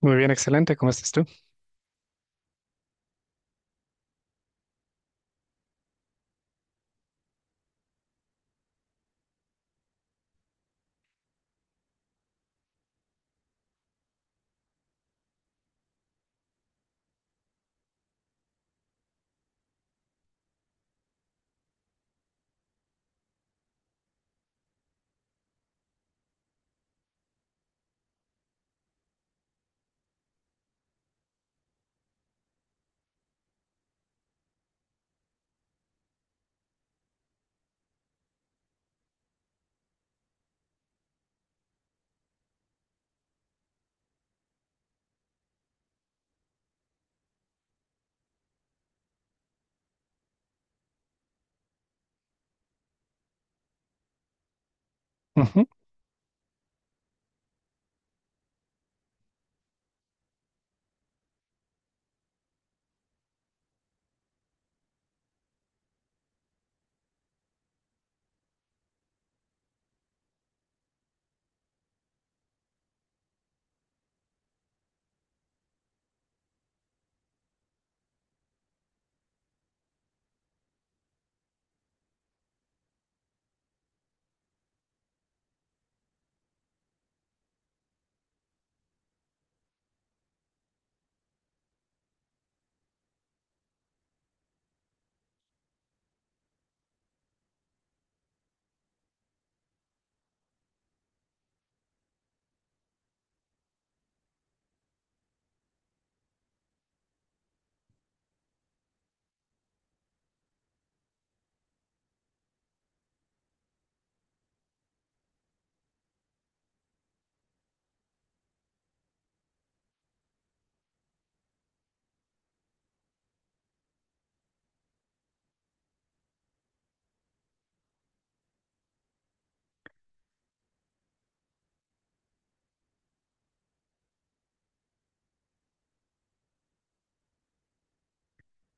Muy bien, excelente. ¿Cómo estás tú? Ujú.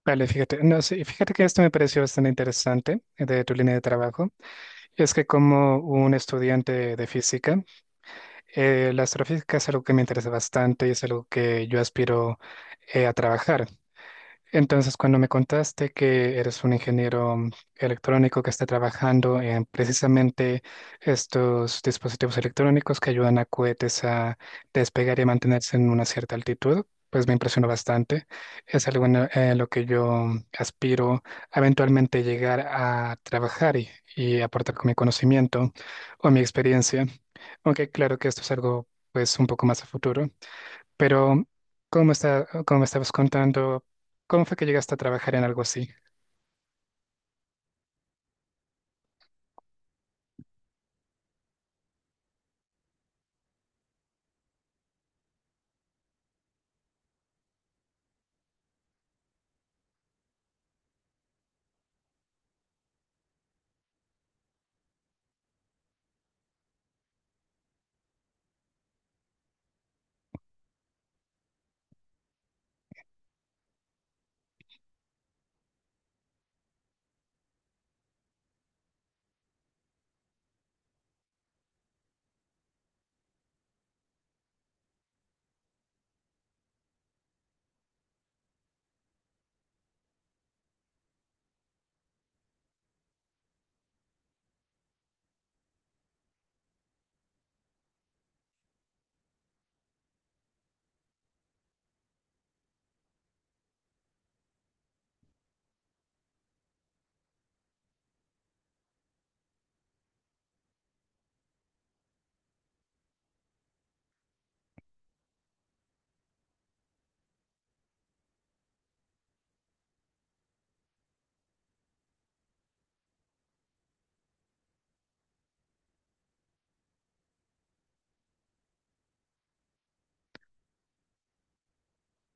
Vale, fíjate. No, sí, fíjate que esto me pareció bastante interesante de tu línea de trabajo. Es que como un estudiante de física, la astrofísica es algo que me interesa bastante y es algo que yo aspiro a trabajar. Entonces, cuando me contaste que eres un ingeniero electrónico que está trabajando en precisamente estos dispositivos electrónicos que ayudan a cohetes a despegar y a mantenerse en una cierta altitud, pues me impresionó bastante. Es algo en lo que yo aspiro a eventualmente llegar a trabajar y aportar con mi conocimiento o mi experiencia. Aunque claro que esto es algo pues un poco más a futuro. Pero, ¿cómo está, cómo me estabas contando? ¿Cómo fue que llegaste a trabajar en algo así?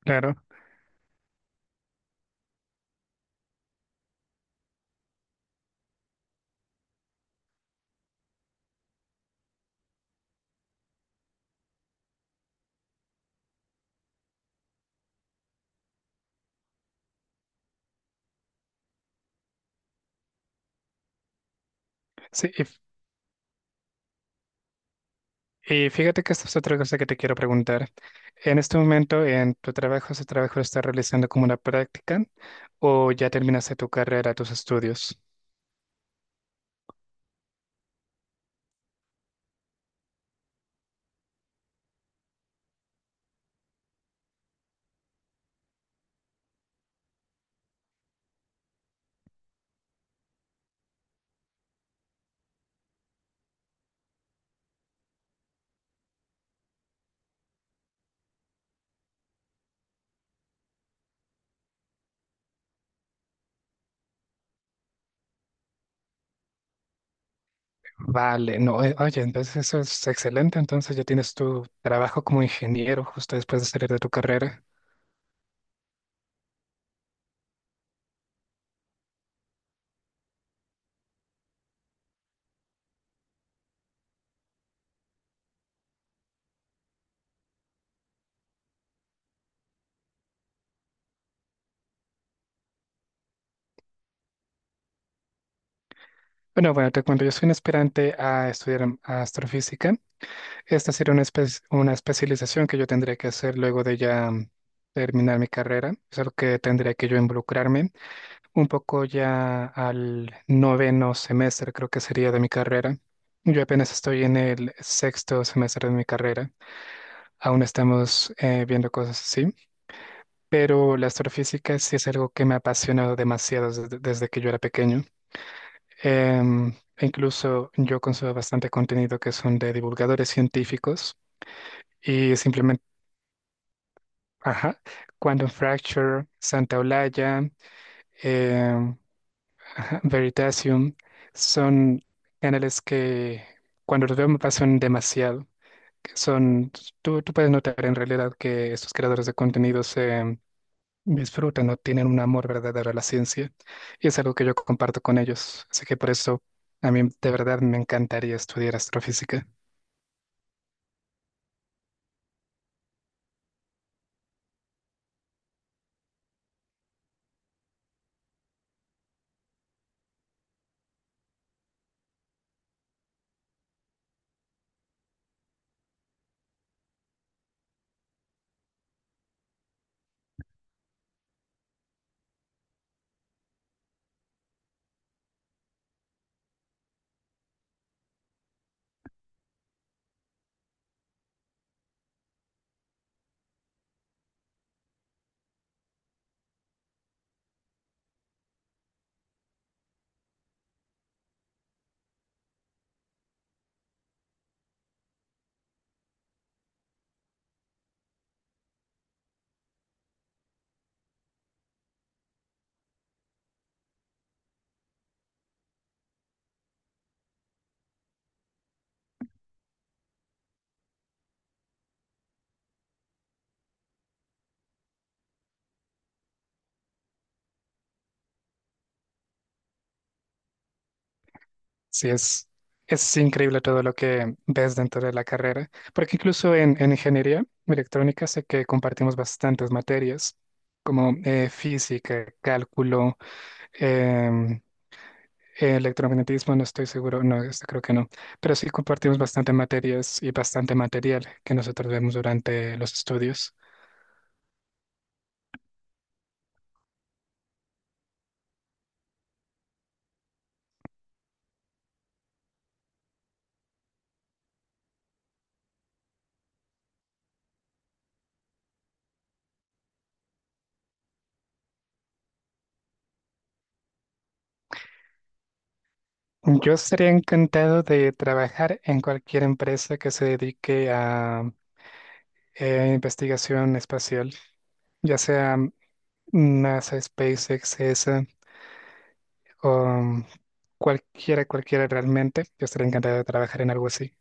Claro, sí. Y fíjate que esta es otra cosa que te quiero preguntar. En este momento, en tu trabajo, ¿ese trabajo lo estás realizando como una práctica o ya terminaste tu carrera, tus estudios? Vale, no, oye, entonces eso es excelente, entonces ya tienes tu trabajo como ingeniero justo después de salir de tu carrera. Bueno, bueno, te cuento, yo soy un aspirante a estudiar astrofísica. Esta sería una, una especialización que yo tendría que hacer luego de ya terminar mi carrera. Es algo que tendría que yo involucrarme un poco ya al noveno semestre, creo que sería de mi carrera. Yo apenas estoy en el sexto semestre de mi carrera. Aún estamos viendo cosas así. Pero la astrofísica sí es algo que me ha apasionado demasiado desde, desde que yo era pequeño. Em, E incluso yo consumo bastante contenido que son de divulgadores científicos y simplemente, ajá, Quantum Fracture, Santa Olaya, em, ajá, Veritasium, son canales que cuando los veo me pasan demasiado. Que Son, tú puedes notar en realidad que estos creadores de contenidos disfrutan o tienen un amor verdadero a la ciencia y es algo que yo comparto con ellos. Así que por eso a mí de verdad me encantaría estudiar astrofísica. Sí, es increíble todo lo que ves dentro de la carrera, porque incluso en ingeniería electrónica sé que compartimos bastantes materias como física, cálculo, em, Electromagnetismo, no estoy seguro, no, este creo que no, pero sí compartimos bastante materias y bastante material que nosotros vemos durante los estudios. Yo estaría encantado de trabajar en cualquier empresa que se dedique a investigación espacial, ya sea NASA, SpaceX, ESA o cualquiera, cualquiera realmente. Yo estaría encantado de trabajar en algo así.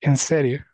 ¿En serio?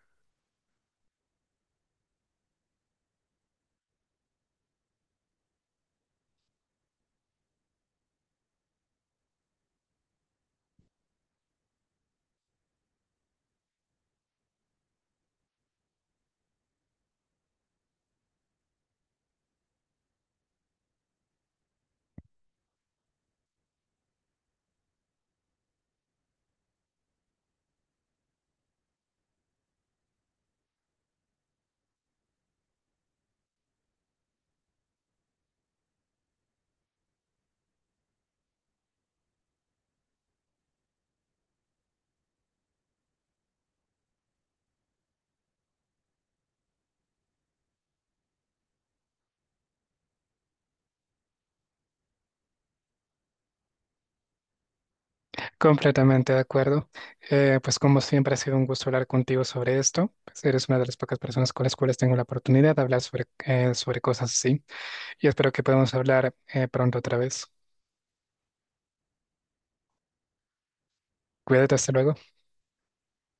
Completamente de acuerdo. Pues como siempre ha sido un gusto hablar contigo sobre esto. Pues eres una de las pocas personas con las cuales tengo la oportunidad de hablar sobre, sobre cosas así. Y espero que podamos hablar pronto otra vez. Cuídate, hasta luego.